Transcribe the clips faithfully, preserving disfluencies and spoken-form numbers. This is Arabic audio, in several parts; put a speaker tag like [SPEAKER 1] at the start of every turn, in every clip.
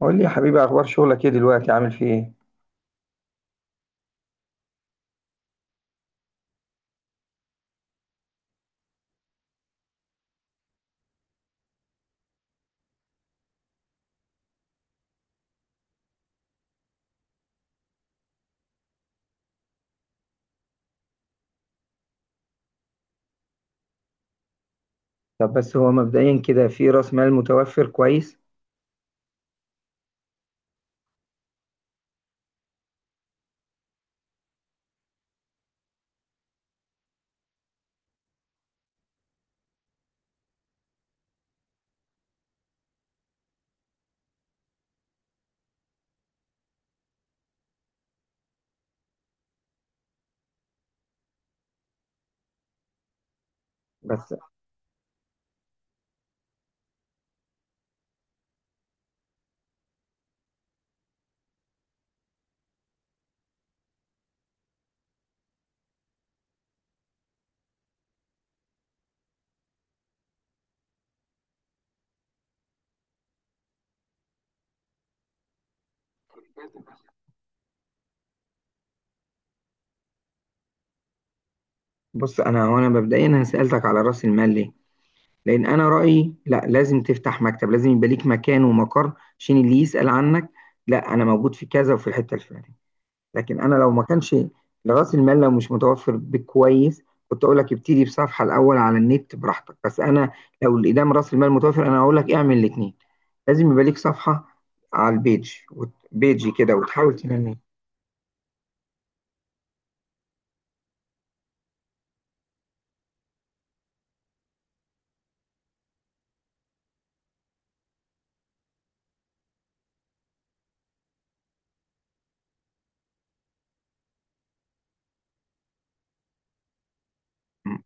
[SPEAKER 1] قول لي يا حبيبي، اخبار شغلك ايه دلوقتي؟ عامل فيه ايه؟ طب بس هو مبدئيا كده في راس مال متوفر كويس؟ بس بص، انا هو انا مبدئيا انا سالتك على راس المال ليه؟ لان انا رايي، لا، لازم تفتح مكتب، لازم يبقى ليك مكان ومقر، عشان اللي يسال عنك، لا، انا موجود في كذا وفي الحته الفلانيه. لكن انا لو ما كانش راس المال، لو مش متوفر بكويس، كنت اقول لك ابتدي بصفحه الاول على النت براحتك. بس انا لو الادام راس المال متوفر، انا هقول لك اعمل الاثنين. لازم يبقى ليك صفحه على البيج، وت- بيجي كده وتحاول تنمي.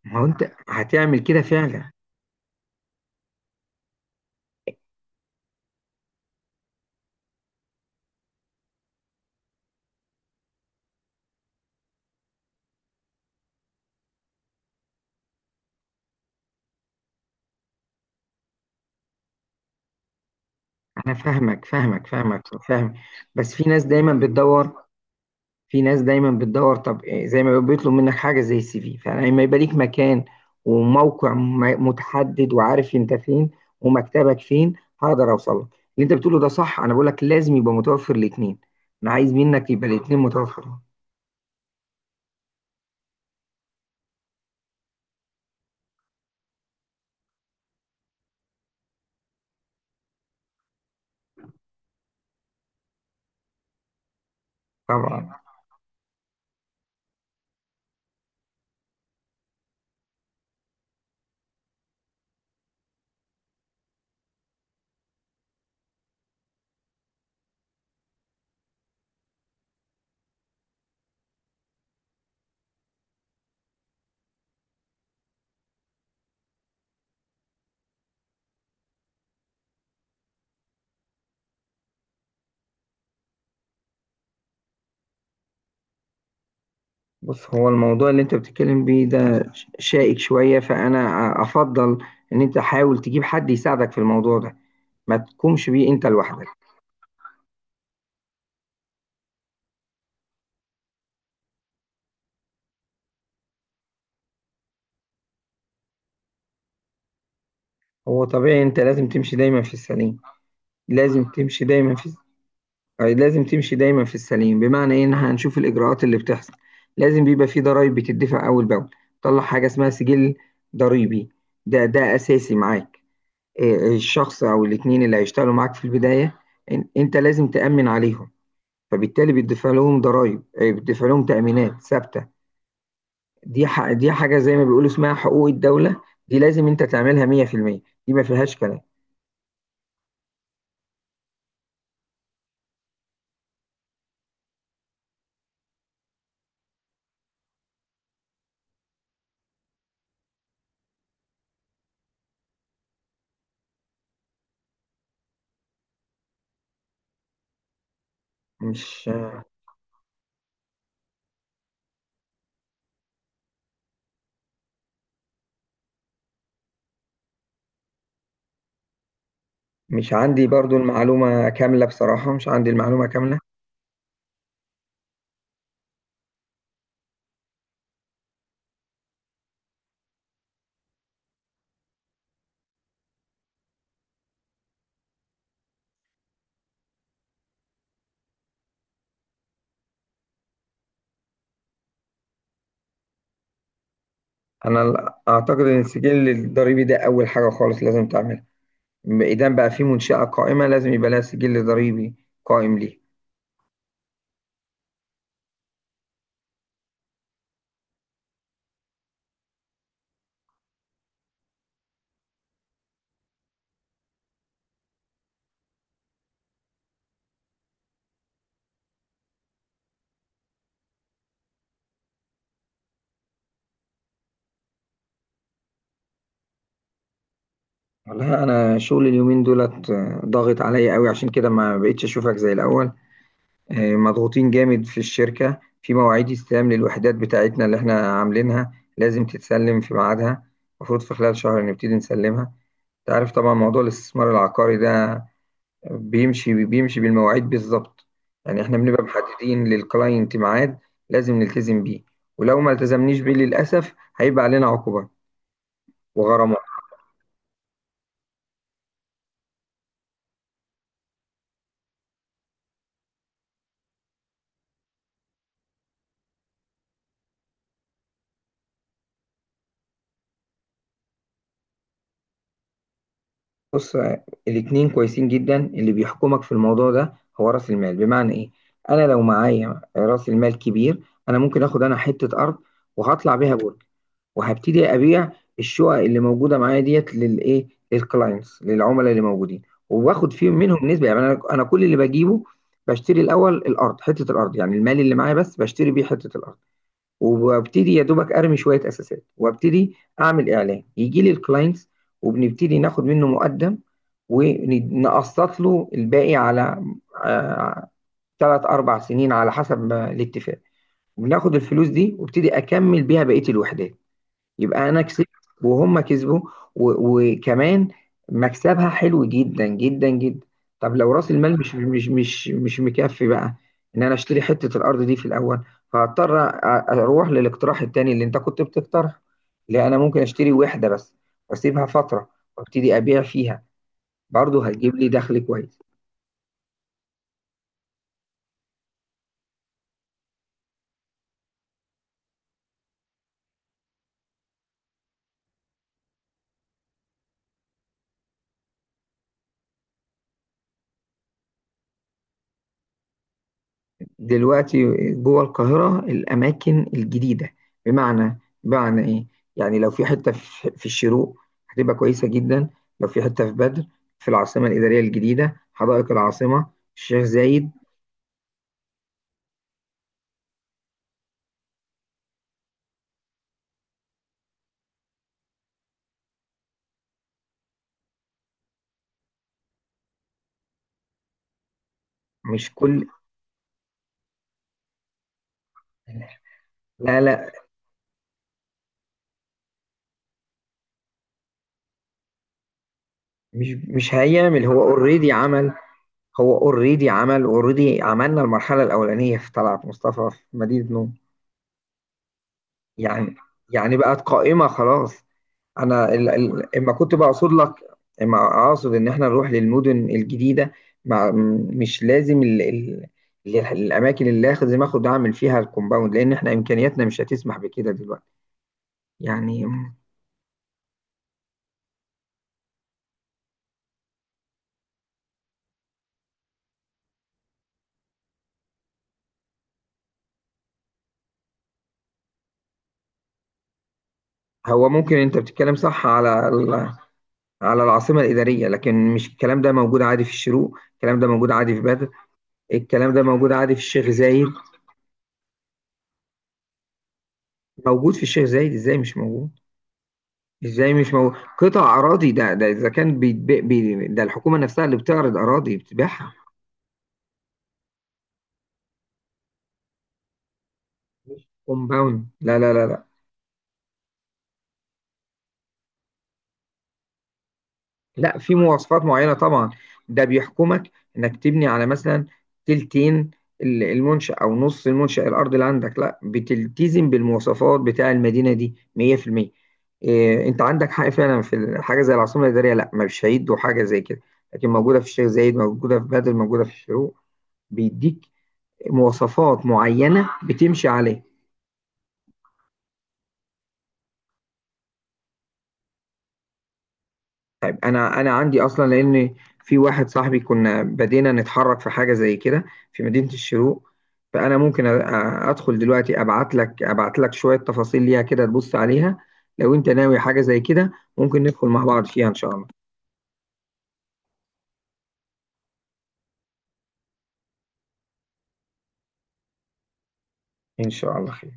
[SPEAKER 1] ما هو انت هتعمل كده فعلا. انا فاهمك فاهمك فاهمك، فاهم. بس في ناس دايما بتدور في ناس دايما بتدور، طب إيه، زي ما بيطلب منك حاجه زي السي في، فلما يبقى ليك مكان وموقع م- متحدد، وعارف انت فين ومكتبك فين، هقدر اوصل لك. اللي انت بتقوله ده صح، انا بقول لك لازم يبقى متوفر الاثنين، انا عايز منك يبقى الاثنين متوفرين. طبعا. بص، هو الموضوع اللي انت بتتكلم بيه ده ش- شائك شويه، فانا أ- افضل ان انت حاول تجيب حد يساعدك في الموضوع ده، ما تقومش بيه انت لوحدك. هو طبيعي، انت لازم تمشي دايما في السليم. لازم تمشي دايما في آه، لازم تمشي دايما في السليم، بمعنى ايه؟ ان إحنا هنشوف الاجراءات اللي بتحصل. لازم بيبقى في ضرائب بتدفع اول باول. طلع حاجه اسمها سجل ضريبي، ده ده اساسي معاك. إيه، الشخص او الاتنين اللي هيشتغلوا معاك في البدايه، إن- انت لازم تامن عليهم، فبالتالي بتدفع لهم ضرائب، إيه، بتدفع لهم تامينات ثابته. دي ح- دي حاجه زي ما بيقولوا اسمها حقوق الدوله. دي لازم انت تعملها مئة في المئة، دي ما فيهاش كلام. مش مش عندي برضو المعلومه كامله، بصراحه مش عندي المعلومه كامله. انا ال- اعتقد ان السجل الضريبي ده اول حاجه خالص لازم تعملها. اذا بقى في منشاه قائمه، لازم يبقى لها سجل ضريبي قائم ليه. والله انا شغل اليومين دولت آه، ضاغط عليا قوي، عشان كده ما بقتش اشوفك زي الاول. آه، مضغوطين جامد في الشركه، في مواعيد استلام للوحدات بتاعتنا اللي احنا عاملينها، لازم تتسلم في ميعادها. المفروض في خلال شهر نبتدي نسلمها. انت عارف طبعا موضوع الاستثمار العقاري ده بيمشي بيمشي بالمواعيد بالظبط. يعني احنا بنبقى محددين للكلاينت ميعاد، لازم نلتزم بيه. ولو ما التزمنيش بيه، للأسف هيبقى علينا عقوبة وغرامات. بص، الاتنين كويسين جدا. اللي بيحكمك في الموضوع ده هو رأس المال. بمعنى ايه؟ انا لو معايا رأس المال كبير، انا ممكن اخد انا حتة ارض، وهطلع بيها برج، وهبتدي ابيع الشقق اللي موجودة معايا ديت للايه؟ للكلاينتس، للعملاء اللي موجودين. وباخد فيهم منهم نسبة. يعني انا انا كل اللي بجيبه، بشتري الاول الارض، حتة الارض. يعني المال اللي معايا بس بشتري بيه حتة الارض، وببتدي يا دوبك ارمي شويه اساسات وابتدي اعمل اعلان يجي لي الكلاينتس، وبنبتدي ناخد منه مقدم ونقسط له الباقي على ثلاث اربع سنين على حسب ما الاتفاق. بناخد الفلوس دي وابتدي اكمل بيها بقيه الوحدات. يبقى انا كسبت وهم كسبوا، و- وكمان مكسبها حلو جدا جدا جدا. طب لو راس المال مش مش مش مش مكفي بقى، ان انا اشتري حتة الارض دي في الاول، فهضطر أ- اروح للاقتراح التاني اللي انت كنت بتقترحه، لا، انا ممكن اشتري وحدة بس، واسيبها فترة، وابتدي ابيع فيها، برضه هتجيب لي دخل كويس. دلوقتي جوه القاهرة الأماكن الجديدة، بمعنى بمعنى إيه؟ يعني لو في حتة في في الشروق، هتبقى كويسة جدا. لو في حتة في بدر، في العاصمة الإدارية الجديدة، حدائق العاصمة، الشيخ زايد. مش كل، لا، لا، مش مش هيعمل. هو اوريدي عمل، هو اوريدي عمل اوريدي عملنا المرحلة الأولانية في طلعت مصطفى في مدينة نوم. يعني، يعني بقت قائمة خلاص. انا ال- ال- اما كنت بقصد لك، اما اقصد ان احنا نروح للمدن الجديده، مع م- مش لازم ال... ال... ال- الاماكن اللي اخد، زي ما اخد اعمل فيها الكومباوند، لان احنا امكانياتنا مش هتسمح بكده دلوقتي يعني. هو ممكن انت بتتكلم صح على ال... على العاصمه الاداريه، لكن مش الكلام ده موجود عادي في الشروق، الكلام ده موجود عادي في بدر، الكلام ده موجود عادي في الشيخ زايد. موجود في الشيخ زايد، ازاي مش موجود؟ ازاي مش مو... قطع اراضي، ده ده اذا كان بيتبيع بي... ده الحكومه نفسها اللي بتعرض اراضي بتبيعها. كومباوند، لا، لا، لا، لا، لا، في مواصفات معينه طبعا. ده بيحكمك، انك تبني على مثلا تلتين ال- المنشأ، او نص المنشأ الارض اللي عندك، لا، بتلتزم بالمواصفات بتاع المدينه دي مئة في المئة. إيه، انت عندك حق فعلا في حاجه زي العاصمه الاداريه، لا، مش هيدوا حاجه زي كده. لكن موجوده في الشيخ زايد، موجوده في بدر، موجوده في الشروق، بيديك مواصفات معينة بتمشي عليه. طيب، انا انا عندي اصلا، لان في واحد صاحبي كنا بدينا نتحرك في حاجة زي كده في مدينة الشروق. فانا ممكن أ- أ- ادخل دلوقتي، ابعت لك ابعت لك شوية تفاصيل ليها كده تبص عليها. لو انت ناوي حاجة زي كده، ممكن ندخل مع بعض فيها ان شاء الله. ان شاء الله خير.